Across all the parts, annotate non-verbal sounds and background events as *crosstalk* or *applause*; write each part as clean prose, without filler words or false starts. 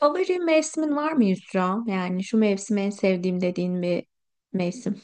Favori mevsimin var mı Yusra? Yani şu mevsimi en sevdiğim dediğin bir mevsim.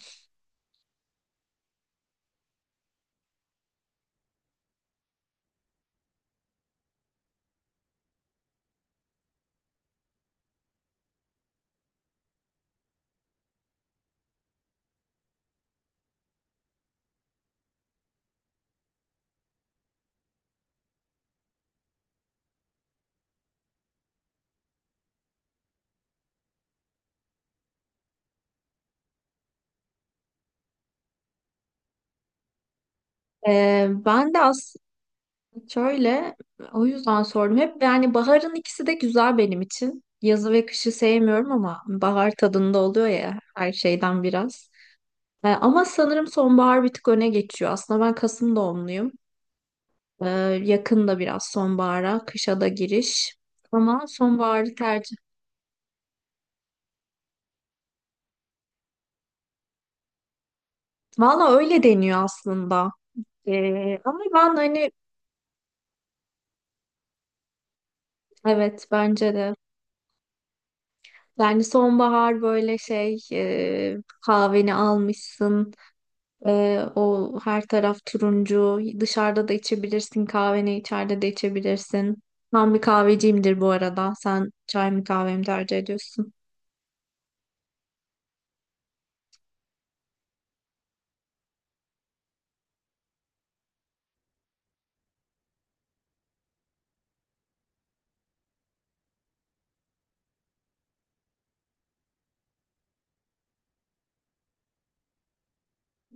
Ben de aslında şöyle o yüzden sordum. Hep yani baharın ikisi de güzel benim için. Yazı ve kışı sevmiyorum ama bahar tadında oluyor ya her şeyden biraz. Ama sanırım sonbahar bir tık öne geçiyor. Aslında ben Kasım doğumluyum. Ee, Yakında biraz sonbahara, kışa da giriş. Ama sonbaharı tercih. Valla öyle deniyor aslında. Ama ben hani. Evet, bence de. Yani sonbahar böyle şey kahveni almışsın. E, O her taraf turuncu. Dışarıda da içebilirsin kahveni, içeride de içebilirsin. Ben bir kahveciyimdir bu arada. Sen çay mı kahve mi tercih ediyorsun?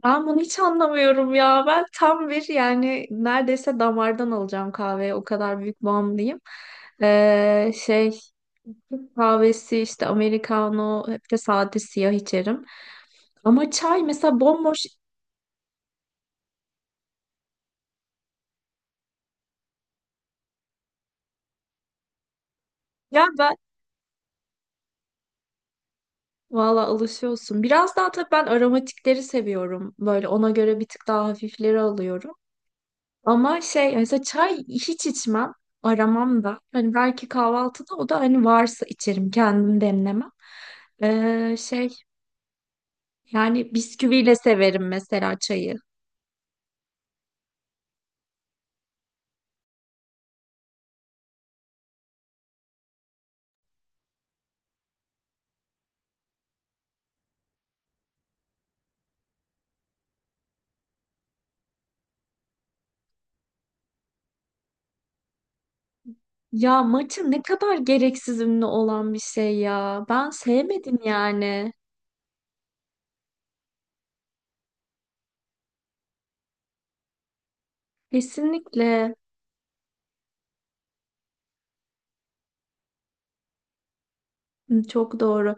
Ben bunu hiç anlamıyorum ya. Ben tam bir yani, neredeyse damardan alacağım kahveye. O kadar büyük bağımlıyım. Şey, Türk kahvesi işte, Americano, hep de sade siyah içerim. Ama çay mesela bomboş. Ya ben valla alışıyorsun. Biraz daha tabii ben aromatikleri seviyorum. Böyle ona göre bir tık daha hafifleri alıyorum. Ama şey, mesela çay hiç içmem. Aramam da. Hani belki kahvaltıda, o da hani varsa içerim. Kendim demlemem. Şey yani, bisküviyle severim mesela çayı. Ya maçı ne kadar gereksiz ünlü olan bir şey ya. Ben sevmedim yani. Kesinlikle. Hı, çok doğru.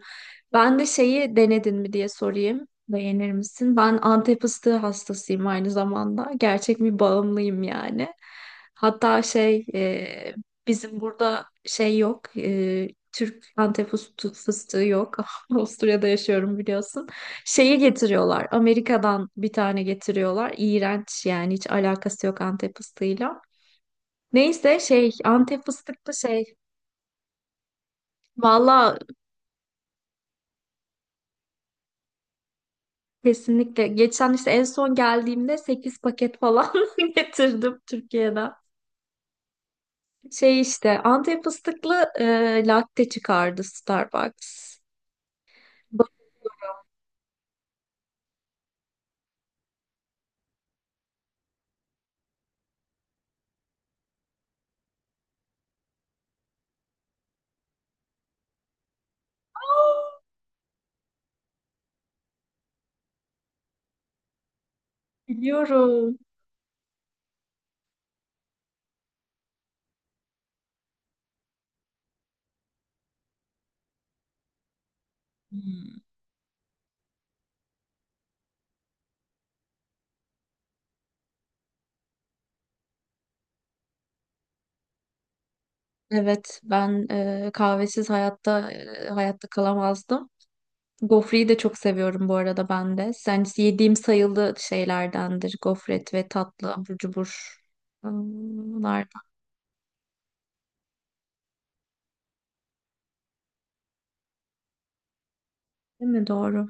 Ben de şeyi denedin mi diye sorayım. Beğenir misin? Ben Antep fıstığı hastasıyım aynı zamanda. Gerçek bir bağımlıyım yani. Hatta şey bizim burada şey yok. Türk Antep fıstığı yok. *laughs* Avusturya'da yaşıyorum biliyorsun. Şeyi getiriyorlar. Amerika'dan bir tane getiriyorlar. İğrenç yani, hiç alakası yok Antep fıstığıyla. Neyse, şey, Antep fıstıklı şey. Valla. Kesinlikle. Geçen işte en son geldiğimde 8 paket falan *laughs* getirdim Türkiye'den. Şey işte Antep fıstıklı latte çıkardı Starbucks. Bak- Biliyorum. Hmm. Evet, ben kahvesiz hayatta hayatta kalamazdım. Gofreyi de çok seviyorum bu arada ben de. Sen yediğim sayılı şeylerdendir. Gofret ve tatlı abur cubur. Hmm, bunlar değil mi? Doğru.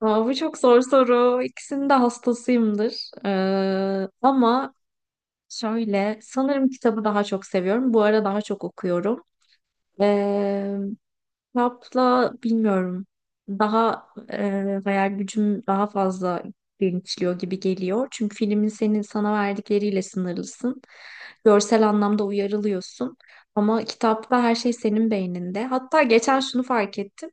Aa, bu çok zor soru. İkisinin de hastasıyımdır. Ama şöyle, sanırım kitabı daha çok seviyorum. Bu ara daha çok okuyorum. Ee, Kitapla bilmiyorum. Daha hayal gücüm daha fazla genişliyor gibi geliyor. Çünkü filmin senin sana verdikleriyle sınırlısın. Görsel anlamda uyarılıyorsun. Ama kitapta her şey senin beyninde. Hatta geçen şunu fark ettim.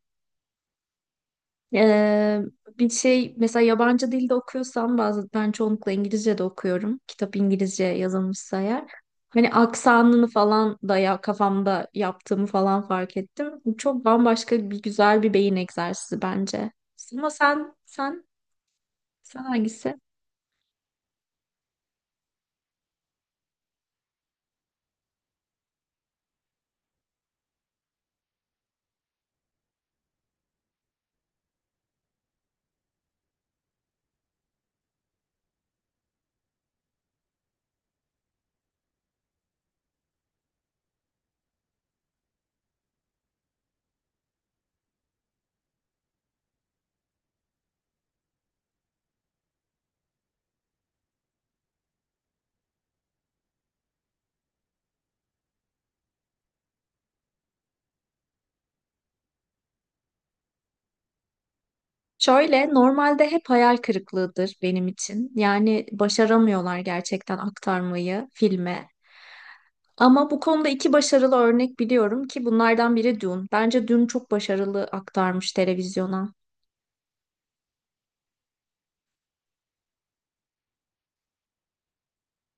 Ee, Bir şey mesela, yabancı dilde okuyorsam bazı, ben çoğunlukla İngilizce de okuyorum. Kitap İngilizce yazılmışsa eğer. Hani aksanını falan da ya, kafamda yaptığımı falan fark ettim. Bu çok bambaşka, bir güzel bir beyin egzersizi bence. Ama sen hangisi? Şöyle, normalde hep hayal kırıklığıdır benim için. Yani başaramıyorlar gerçekten aktarmayı filme. Ama bu konuda iki başarılı örnek biliyorum ki bunlardan biri Dune. Bence Dune çok başarılı aktarmış televizyona.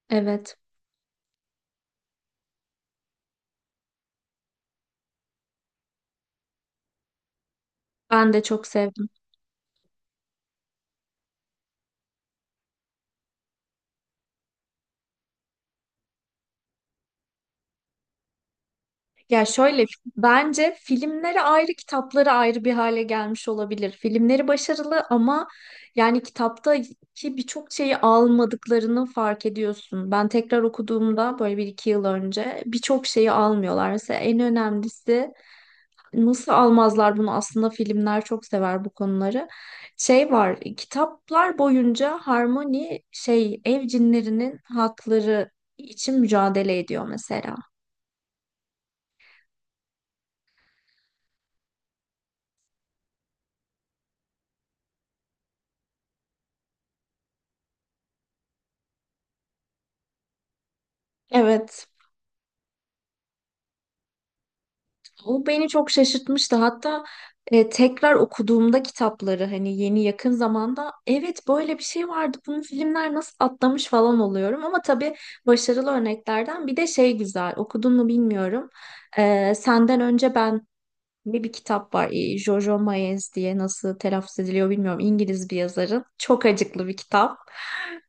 Evet, ben de çok sevdim. Ya şöyle, bence filmleri ayrı, kitapları ayrı bir hale gelmiş olabilir. Filmleri başarılı ama yani kitaptaki birçok şeyi almadıklarını fark ediyorsun. Ben tekrar okuduğumda, böyle bir iki yıl önce, birçok şeyi almıyorlar. Mesela en önemlisi. Nasıl almazlar bunu? Aslında filmler çok sever bu konuları. Şey var, kitaplar boyunca Harmony şey ev cinlerinin hakları için mücadele ediyor mesela. Evet, o beni çok şaşırtmıştı. Hatta tekrar okuduğumda kitapları, hani yeni yakın zamanda, evet böyle bir şey vardı. Bunu filmler nasıl atlamış falan oluyorum. Ama tabii başarılı örneklerden bir de şey güzel. Okudun mu bilmiyorum. Senden Önce Ben Ne bir kitap var. Jojo Moyes diye, nasıl telaffuz ediliyor bilmiyorum. İngiliz bir yazarın. Çok acıklı bir kitap.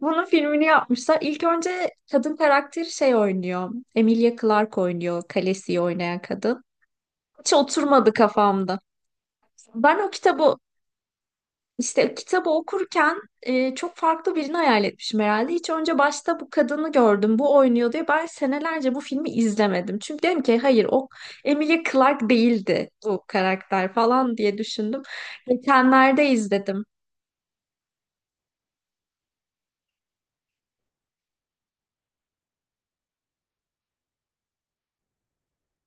Bunun filmini yapmışlar. İlk önce kadın karakteri şey oynuyor. Emilia Clarke oynuyor. Khaleesi'yi oynayan kadın. Hiç oturmadı kafamda. Ben o kitabı işte, kitabı okurken çok farklı birini hayal etmişim herhalde. Hiç önce başta bu kadını gördüm, bu oynuyor diye ben senelerce bu filmi izlemedim. Çünkü dedim ki, hayır, o Emilia Clarke değildi bu karakter falan diye düşündüm. Geçenlerde izledim.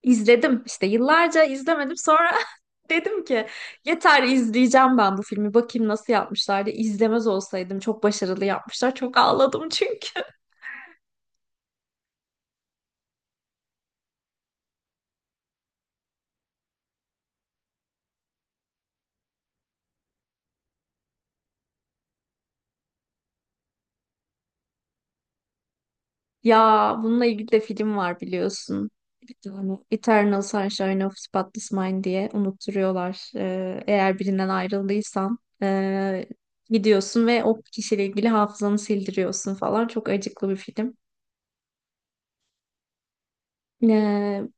İzledim işte, yıllarca izlemedim, sonra *laughs* dedim ki yeter, izleyeceğim ben bu filmi, bakayım nasıl yapmışlar diye. İzlemez olsaydım, çok başarılı yapmışlar, çok ağladım çünkü. *laughs* Ya bununla ilgili de film var biliyorsun. Bir tane. Eternal Sunshine of Spotless Mind diye unutturuyorlar. Eğer birinden ayrıldıysan gidiyorsun ve o kişiyle ilgili hafızanı sildiriyorsun falan. Çok acıklı bir film. Ee,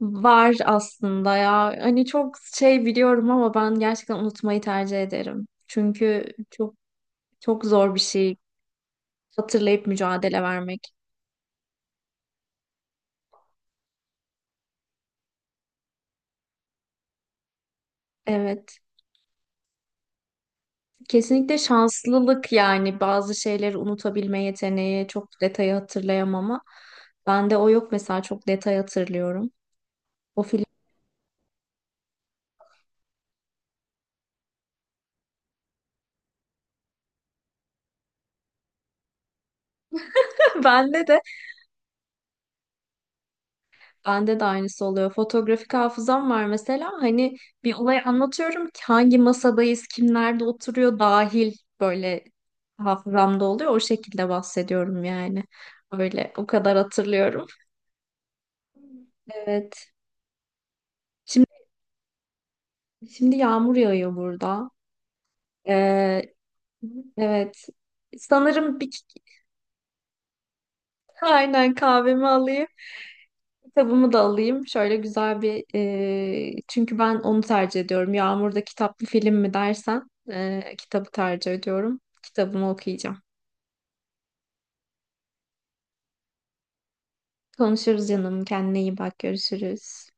Var aslında ya. Hani çok şey biliyorum ama ben gerçekten unutmayı tercih ederim. Çünkü çok çok zor bir şey, hatırlayıp mücadele vermek. Evet. Kesinlikle şanslılık yani bazı şeyleri unutabilme yeteneği, çok detayı hatırlayamama. Bende o yok mesela, çok detay hatırlıyorum. O film *laughs* bende de bende de aynısı oluyor. Fotoğrafik hafızam var mesela, hani bir olayı anlatıyorum ki hangi masadayız, kimlerde oturuyor dahil, böyle hafızamda oluyor. O şekilde bahsediyorum yani. Öyle o kadar hatırlıyorum. Evet. Şimdi şimdi yağmur yağıyor burada. Ee, Evet. Sanırım bir, *laughs* aynen, kahvemi alayım. Kitabımı da alayım. Şöyle güzel bir çünkü ben onu tercih ediyorum. Yağmurda kitaplı film mi dersen, kitabı tercih ediyorum. Kitabımı okuyacağım. Konuşuruz canım. Kendine iyi bak. Görüşürüz.